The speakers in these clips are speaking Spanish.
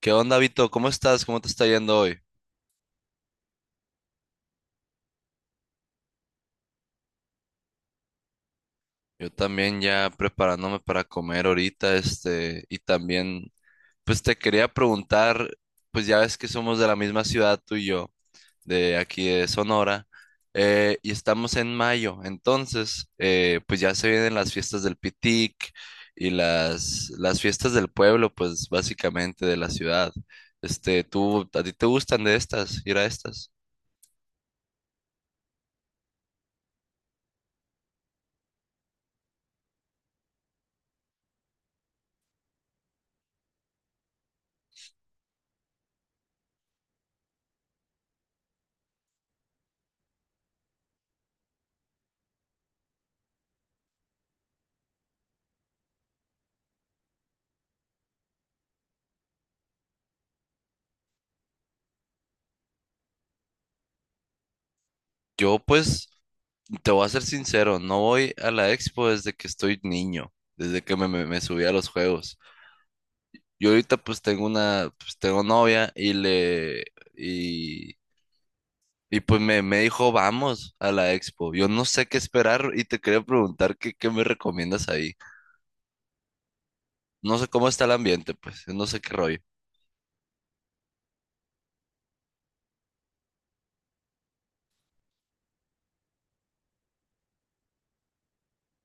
¿Qué onda, Vito? ¿Cómo estás? ¿Cómo te está yendo hoy? Yo también ya preparándome para comer ahorita, y también, pues te quería preguntar, pues ya ves que somos de la misma ciudad tú y yo, de aquí de Sonora, y estamos en mayo, entonces, pues ya se vienen las fiestas del Pitic y las fiestas del pueblo, pues básicamente de la ciudad. Este, ¿tú, a ti te gustan de estas, ir a estas? Yo pues te voy a ser sincero, no voy a la expo desde que estoy niño, desde que me subí a los juegos. Yo ahorita pues tengo una, pues tengo novia y le, y, y pues me dijo, vamos a la expo. Yo no sé qué esperar y te quería preguntar qué, qué me recomiendas ahí. No sé cómo está el ambiente, pues, no sé qué rollo.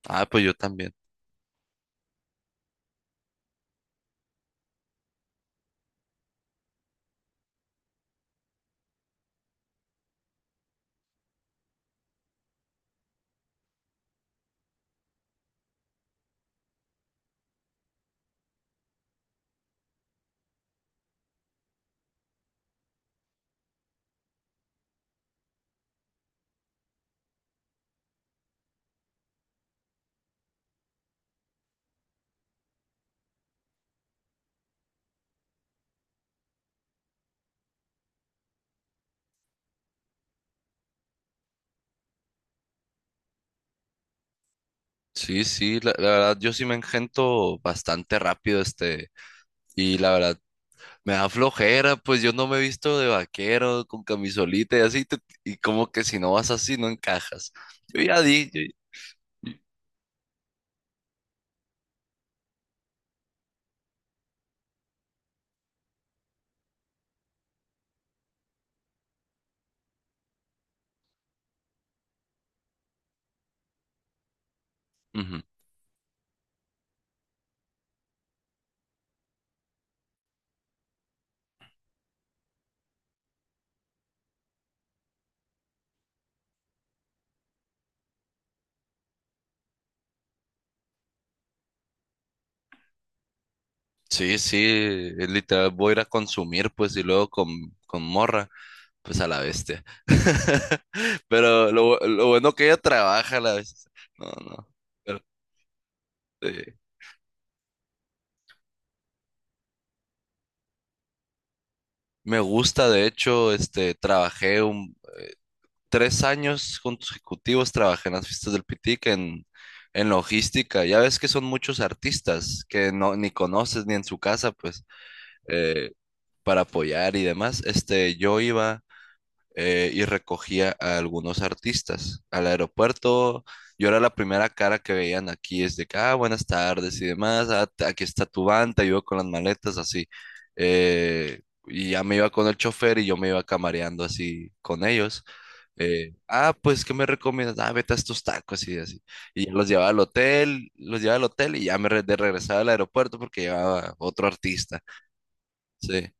Ah, pues yo también. Sí, sí, la verdad, yo sí me engento bastante rápido, este, y la verdad, me da flojera, pues yo no me he visto de vaquero, con camisolita y así, te- y como que si no vas así, no encajas. Yo ya di. Yo- ujú. Sí, sí, es literal, voy a ir a consumir, pues, y luego con morra, pues a la bestia. Pero lo bueno que ella trabaja a la vez. No, no. Pero, eh, me gusta, de hecho, este, 3 años consecutivos trabajé en las fiestas del Pitic en logística. Ya ves que son muchos artistas que no, ni conoces ni en su casa, pues, eh, para apoyar y demás. Este, yo iba y recogía a algunos artistas al aeropuerto. Yo era la primera cara que veían aquí, es de que, ah, buenas tardes y demás, ah, t- aquí está tu van, te ayudo con las maletas, así. Eh, y ya me iba con el chofer y yo me iba camareando así con ellos ah, pues, ¿qué me recomiendas? Ah, vete a estos tacos y así. Y ya los llevaba al hotel, los llevaba al hotel y ya de regresaba al aeropuerto porque llevaba otro artista. Sí.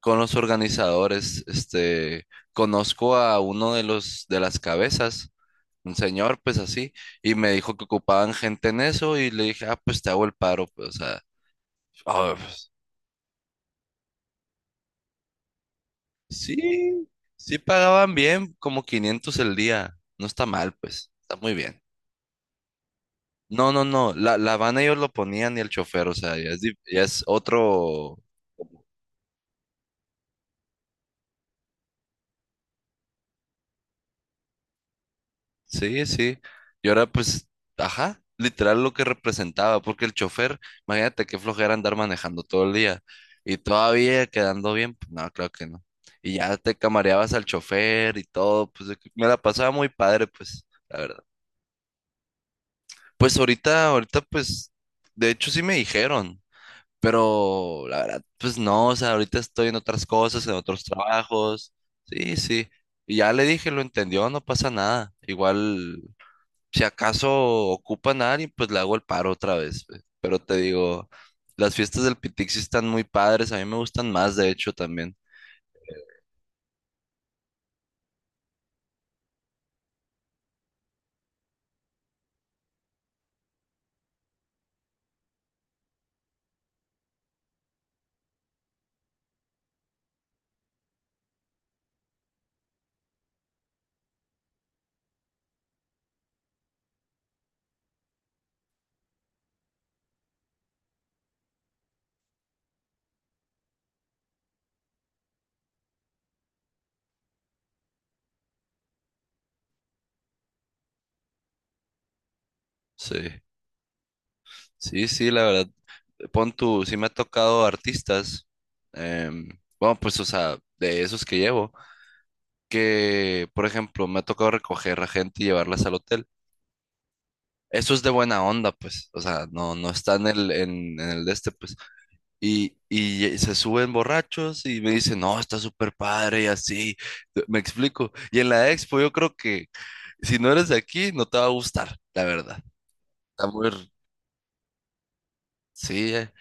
Con los organizadores, este, conozco a uno de los, de las cabezas, un señor, pues así, y me dijo que ocupaban gente en eso y le dije, ah, pues te hago el paro, pues, o sea, ah, pues, sí, sí pagaban bien, como 500 el día, no está mal, pues, está muy bien. No, no, no, la van ellos lo ponían y el chofer, o sea, ya es, di- ya es otro, sí, sí. Y ahora pues, ajá, literal lo que representaba, porque el chofer, imagínate qué flojera andar manejando todo el día y todavía quedando bien, pues no, claro que no. Y ya te camareabas al chofer y todo, pues de que me la pasaba muy padre, pues, la verdad. Pues ahorita, ahorita pues, de hecho sí me dijeron. Pero la verdad, pues no, o sea, ahorita estoy en otras cosas, en otros trabajos. Sí, sí. Y ya le dije, lo entendió, no pasa nada. Igual, si acaso ocupan a alguien, pues le hago el paro otra vez. Pues. Pero te digo, las fiestas del Pitixi están muy padres, a mí me gustan más, de hecho, también. Sí, sí, sí, la verdad. Pon tú, sí me ha tocado artistas. em, bueno, pues, o sea, de esos que llevo, que, por ejemplo, me ha tocado recoger a gente y llevarlas al hotel. Eso es de buena onda, pues. O sea, no, no está en el de este, pues. Y se suben borrachos y me dicen, no, está súper padre y así. Me explico. Y en la expo yo creo que si no eres de aquí, no te va a gustar, la verdad. Está muy... r- sí,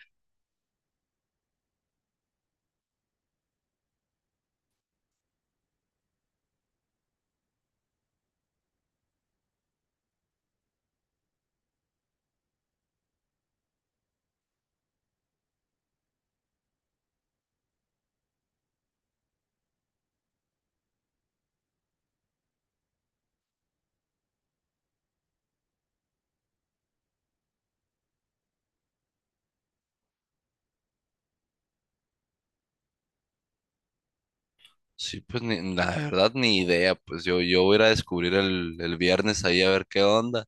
sí, pues ni- la verdad ni idea. Pues yo voy a ir a descubrir el viernes ahí a ver qué onda.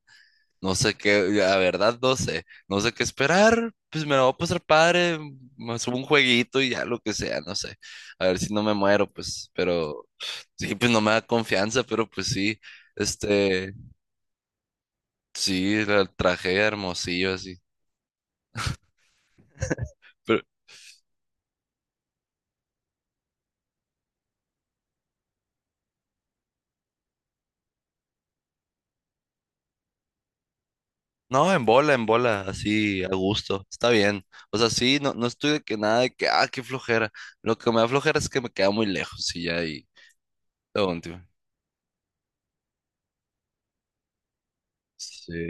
No sé qué, la verdad no sé, no sé qué esperar, pues me la voy a pasar padre, me subo un jueguito y ya lo que sea, no sé, a ver si no me muero, pues, pero sí, pues no me da confianza, pero pues sí, este, sí, la traje a Hermosillo, así, pero no, en bola, así, a gusto, está bien, o sea, sí, no, no estoy de que nada, de que, ah, qué flojera, lo que me da flojera es que me queda muy lejos y ya ahí, lo último, sí,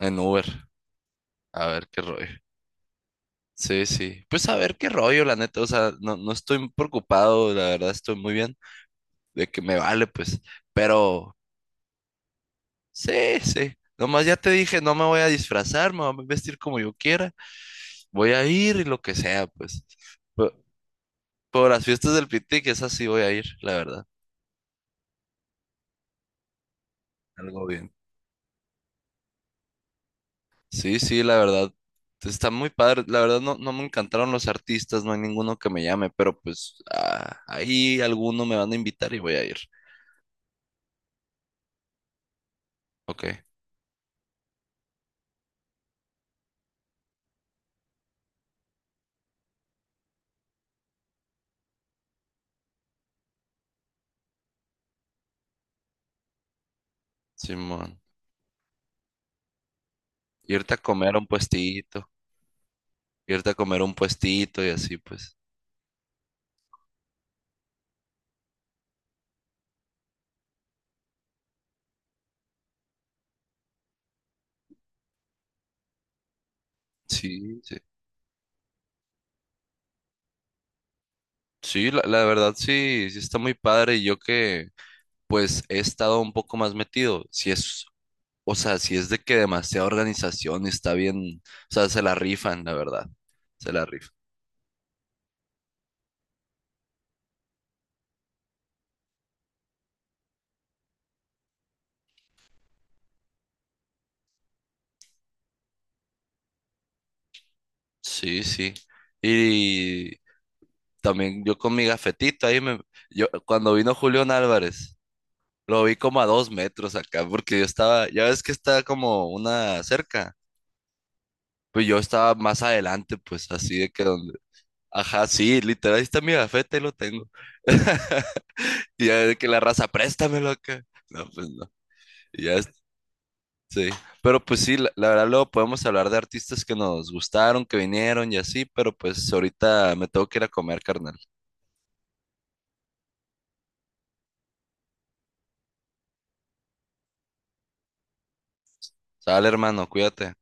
en Uber, a ver qué rollo. Sí, sí. Pues a ver qué rollo, la neta. O sea, no, no estoy preocupado, la verdad estoy muy bien. De que me vale, pues. Pero sí, sí. Nomás ya te dije, no me voy a disfrazar, me voy a vestir como yo quiera. Voy a ir y lo que sea, pues. Por, por las fiestas del Piti, que esas sí voy a ir, la verdad. Algo bien. Sí, sí, la verdad. Está muy padre. La verdad no, no me encantaron los artistas, no hay ninguno que me llame, pero pues ah, ahí alguno me van a invitar y voy a ir. Ok, simón. Y ahorita a comer a un puestito, y ahorita a comer a un puestito y así pues. Sí, sí. Sí, la verdad sí, sí está muy padre. Y yo que pues he estado un poco más metido. Si es, o sea, si es de que demasiada organización está bien, o sea, se la rifan, la verdad. Se la rifan. Sí, sí. Y también yo con mi gafetito ahí me, yo cuando vino Julián Álvarez, lo vi como a 2 metros acá, porque yo estaba, ya ves que está como una cerca. Pues yo estaba más adelante, pues así de que donde. Ajá, sí, literal, ahí está mi gafete, ahí lo tengo. Y ya de que la raza, préstamelo acá. No, pues no. Y ya, es- sí. Pero pues sí, la verdad, luego podemos hablar de artistas que nos gustaron, que vinieron y así, pero pues ahorita me tengo que ir a comer, carnal. Sale, hermano, cuídate.